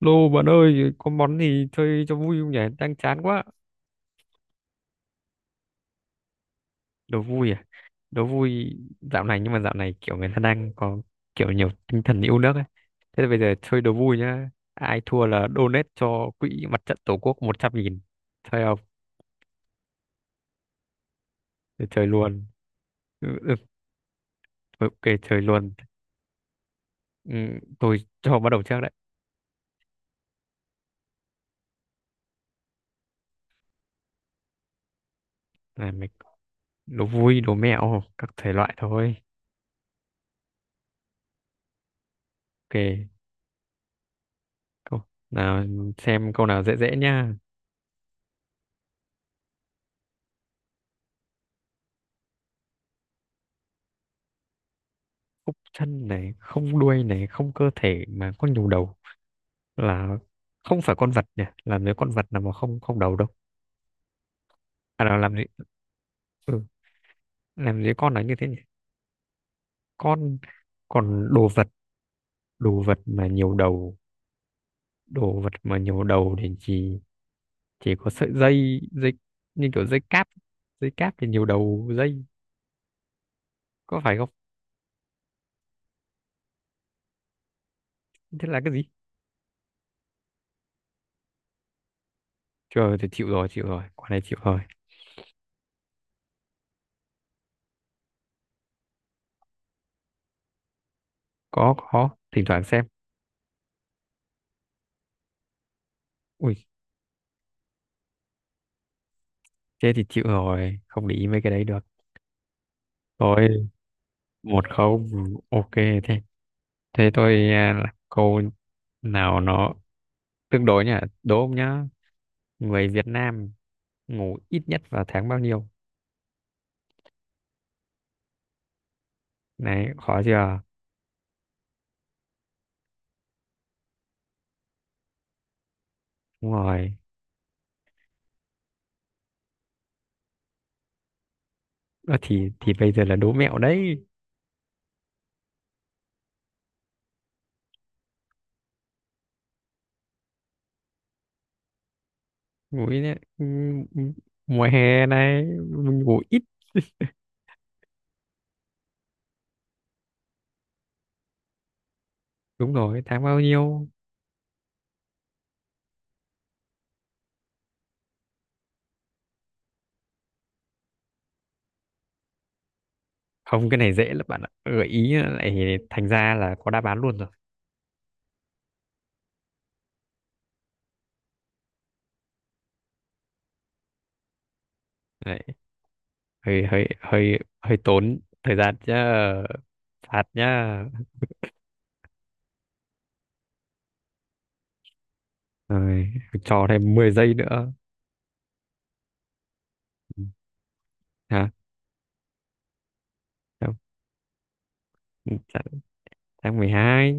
Lô bạn ơi, có món gì chơi cho vui không nhỉ? Đang chán quá. Đố vui à? Đố vui dạo này nhưng mà dạo này kiểu người ta đang có kiểu nhiều tinh thần yêu nước ấy. Thế thì bây giờ chơi đố vui nhá. Ai thua là donate cho quỹ mặt trận Tổ quốc 100 nghìn. Chơi không? Để chơi luôn. Ừ, ừ, ok, chơi luôn. Ừ, tôi cho bắt đầu trước đấy. Này, mình đố vui, đố mẹo, các thể loại thôi. Ok, câu nào xem câu nào dễ dễ nhá. Khúc chân này, không đuôi này, không cơ thể mà có nhiều đầu là không phải con vật nhỉ, làm gì có con vật nào mà không không đầu đâu. À là làm gì, ừ, làm gì có con là như thế nhỉ? Con còn đồ vật, đồ vật mà nhiều đầu, đồ vật mà nhiều đầu thì chỉ có sợi dây dây như kiểu dây cáp, dây cáp thì nhiều đầu dây, có phải không? Thế là cái gì? Trời, thì chịu rồi, chịu rồi, quả này chịu rồi. Có thỉnh thoảng xem. Ui, thế thì chịu rồi, không để ý mấy cái đấy được. Rồi, một không, ok. Thế, thế tôi à, là câu nào nó tương đối nhỉ? Đố ông nhá. Người Việt Nam ngủ ít nhất vào tháng bao nhiêu? Này, khó chưa? Đúng rồi. Ơ thì bây giờ là đố mẹo đấy. Ngủ ít nhất. Ừ, ừ, mùa hè này mình ngủ ít. Đúng rồi, tháng bao nhiêu? Không, cái này dễ lắm bạn ạ. Gợi ý lại thành ra là có đáp án luôn rồi. Đấy, hơi hơi hơi hơi tốn thời gian chứ. Phạt nhá. Rồi, cho thêm 10 giây nữa. Ừ. Hả? Tháng, tháng tháng 12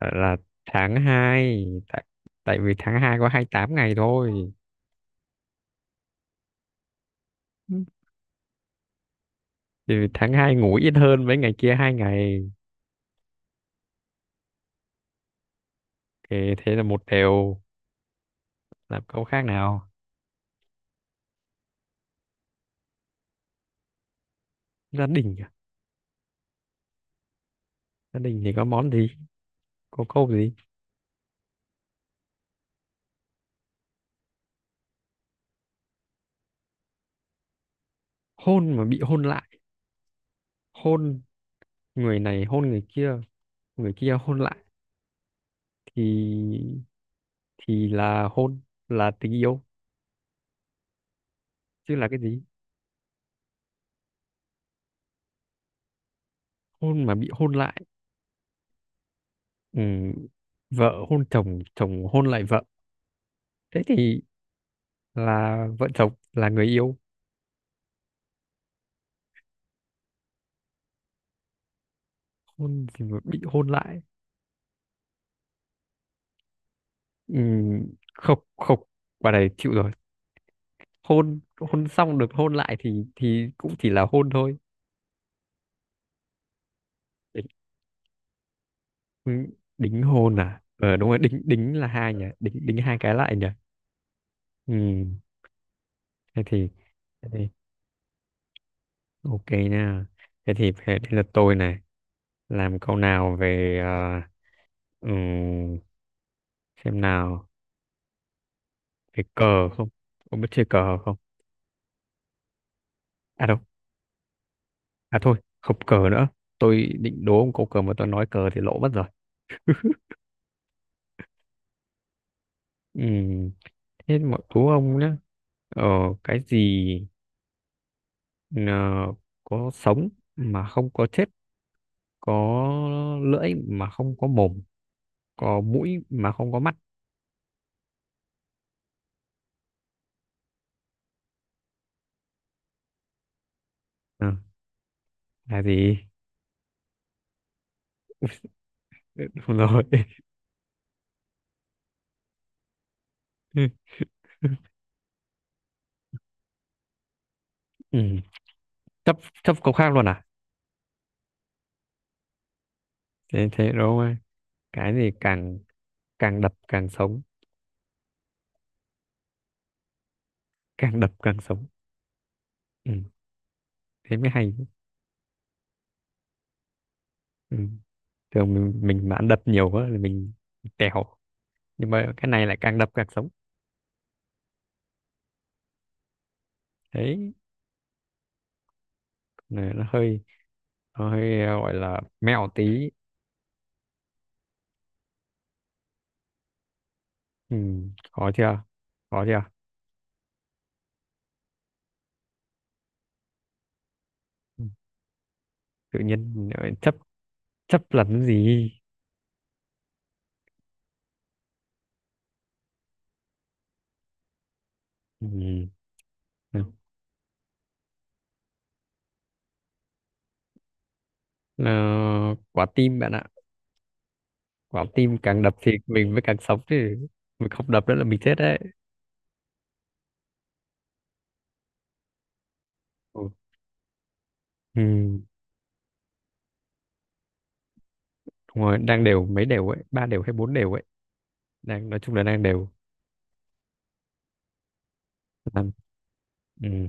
gọi là tháng hai, tại vì tháng 2 có 28 ngày thôi. Ừ, thì tháng hai ngủ ít hơn mấy ngày kia hai ngày, thì thế là một đều. Làm câu khác nào. Gia đình à? Gia đình thì có món gì, có câu gì? Hôn mà bị hôn lại, hôn, người này hôn người kia, người kia hôn lại, thì thì là hôn, là tình yêu chứ là cái gì? Hôn mà bị hôn lại, ừ, vợ hôn chồng, chồng hôn lại vợ, thế thì là vợ chồng, là người yêu. Hôn gì mà bị hôn lại? Ừm, không không, bà này chịu rồi, hôn, hôn xong được hôn lại thì cũng chỉ là hôn thôi. Đính, ừm, đính hôn à, ờ đúng rồi, đính đính là hai nhỉ, đính đính hai cái lại nhỉ. Ừm, thế thì thế thì ok nha. Thế thì thế thế là tôi này, làm câu nào về ừm, xem nào, về cờ không, có biết chơi cờ không? À đâu, à thôi, không cờ nữa. Tôi định đố ông câu cờ mà tôi nói cờ thì lỗ mất rồi. Ừm, thế mà đố ông nhé. Ờ, cái gì, ờ, có sống mà không có chết, có lưỡi mà không có mồm, có mũi mà không có mắt. Ừ, là gì? Đúng rồi. Ừm, chấp chấp câu khác luôn à? Thế thế đúng không ạ? Cái gì càng càng đập càng sống, càng đập càng sống. Ừm, thế mới hay. Ừ, thường mình mà ăn đập nhiều quá thì mình tèo, nhưng mà cái này lại càng đập càng sống. Đấy, này nó hơi, nó hơi gọi là mẹo tí. Ừ, khó chưa, khó chưa. Ừ, tự nhiên lại chấp, chấp là cái gì. Ừ, nào. Ờ, quả tim bạn ạ, quả tim càng đập thì mình mới càng sống chứ, mình không đập nữa là mình chết đấy. Ừ. Ừ. Đúng rồi, đang đều, mấy đều ấy, ba đều hay bốn đều ấy, đang nói chung là đang đều. Làm, ừ,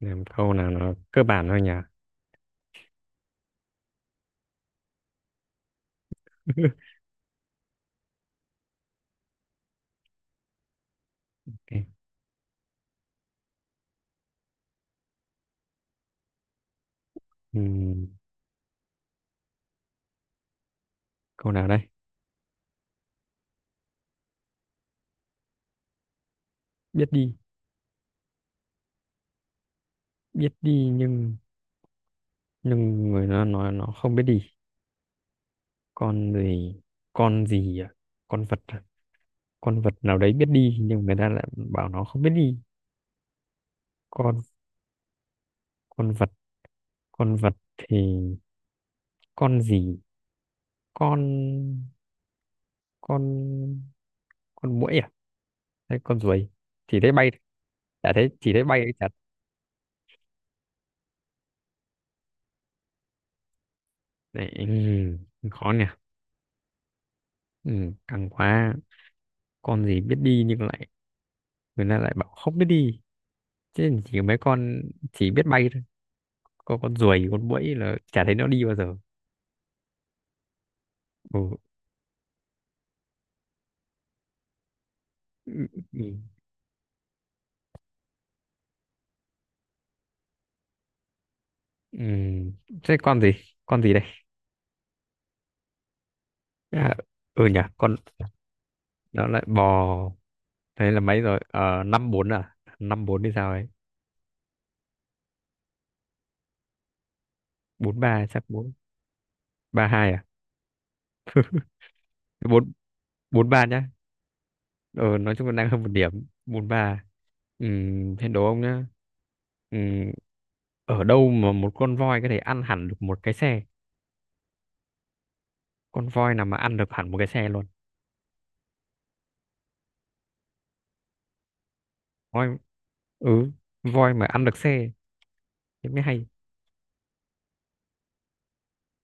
làm câu nào nó cơ bản thôi nhỉ. Ok. Ừm, câu nào đây? Biết đi, biết đi nhưng người nó nói nó không biết đi. Con gì? Con gì à? Con vật à? Con vật nào đấy biết đi nhưng người ta lại bảo nó không biết đi. Con con vật, con vật thì con gì? Con con con muỗi à? Hay con ruồi? Chỉ thấy bay, chả thấy, chỉ thấy bay chặt. Đấy, khó nhỉ. Căng quá. Con gì biết đi nhưng lại, người ta lại bảo không biết đi. Chứ chỉ mấy con chỉ biết bay thôi. Có con ruồi, con muỗi là chả thấy nó đi bao giờ. Ừ. Ừ. Ừ. Ừ. Thế con gì? Con gì đây? À, ừ nhỉ, con nó lại bò. Thế là mấy rồi? Ờ, năm bốn à? Năm bốn thì sao ấy? Bốn ba chắc, bốn ba hai à? Bốn bốn ba nhá. Ờ, nói chung là đang hơn một điểm. Bốn ba. Ừ, thế đố ông nhá. Ừ, ở đâu mà một con voi có thể ăn hẳn được một cái xe? Con voi nào mà ăn được hẳn một cái xe luôn? Voi, ừ, voi mà ăn được xe, thế mới hay.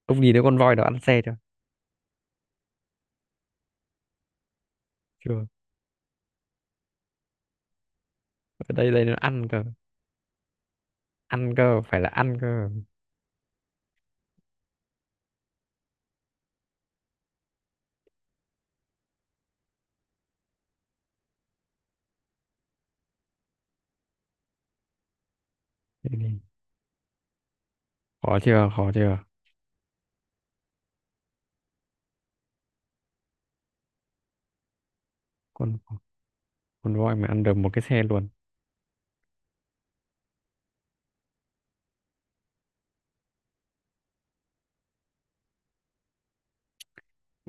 Ông nhìn thấy con voi đó ăn xe chưa? Chưa, ở đây đây nó ăn cơ. Ăn cơ, phải là ăn cơ. Thế thì, khó chưa, khó chưa. Con con voi mà ăn được một cái xe luôn.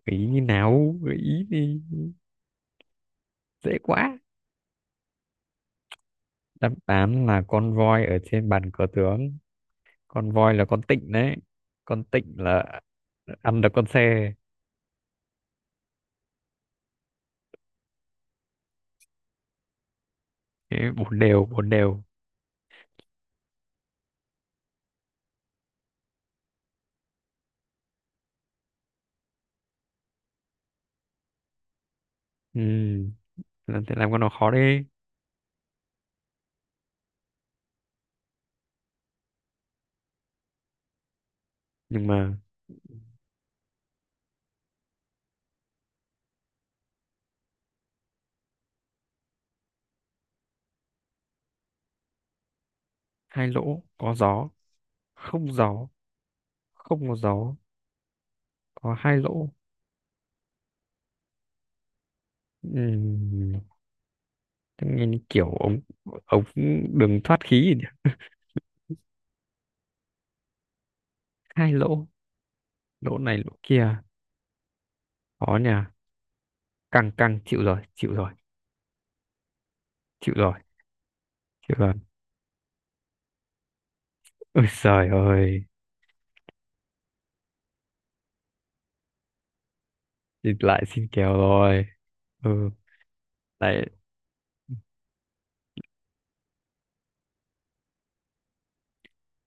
Gợi ý như nào, gợi ý thì dễ quá. Đáp án là con voi ở trên bàn cờ tướng, con voi là con tịnh đấy, con tịnh là ăn được con xe. Thế bốn đều, bốn đều. Ừ, làm thế, làm con nó khó đi, nhưng mà hai lỗ có gió, không gió, không có gió, có hai lỗ. Ừm, thế nghe như kiểu ống, ống đường thoát khí gì nhỉ? Hai lỗ, lỗ này lỗ kia, khó nhỉ, căng căng, chịu rồi, chịu rồi, chịu rồi, chịu rồi, ôi trời ơi. Thì lại xin kèo rồi. Ừ, lại,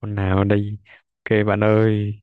con nào đây? Ok bạn ơi.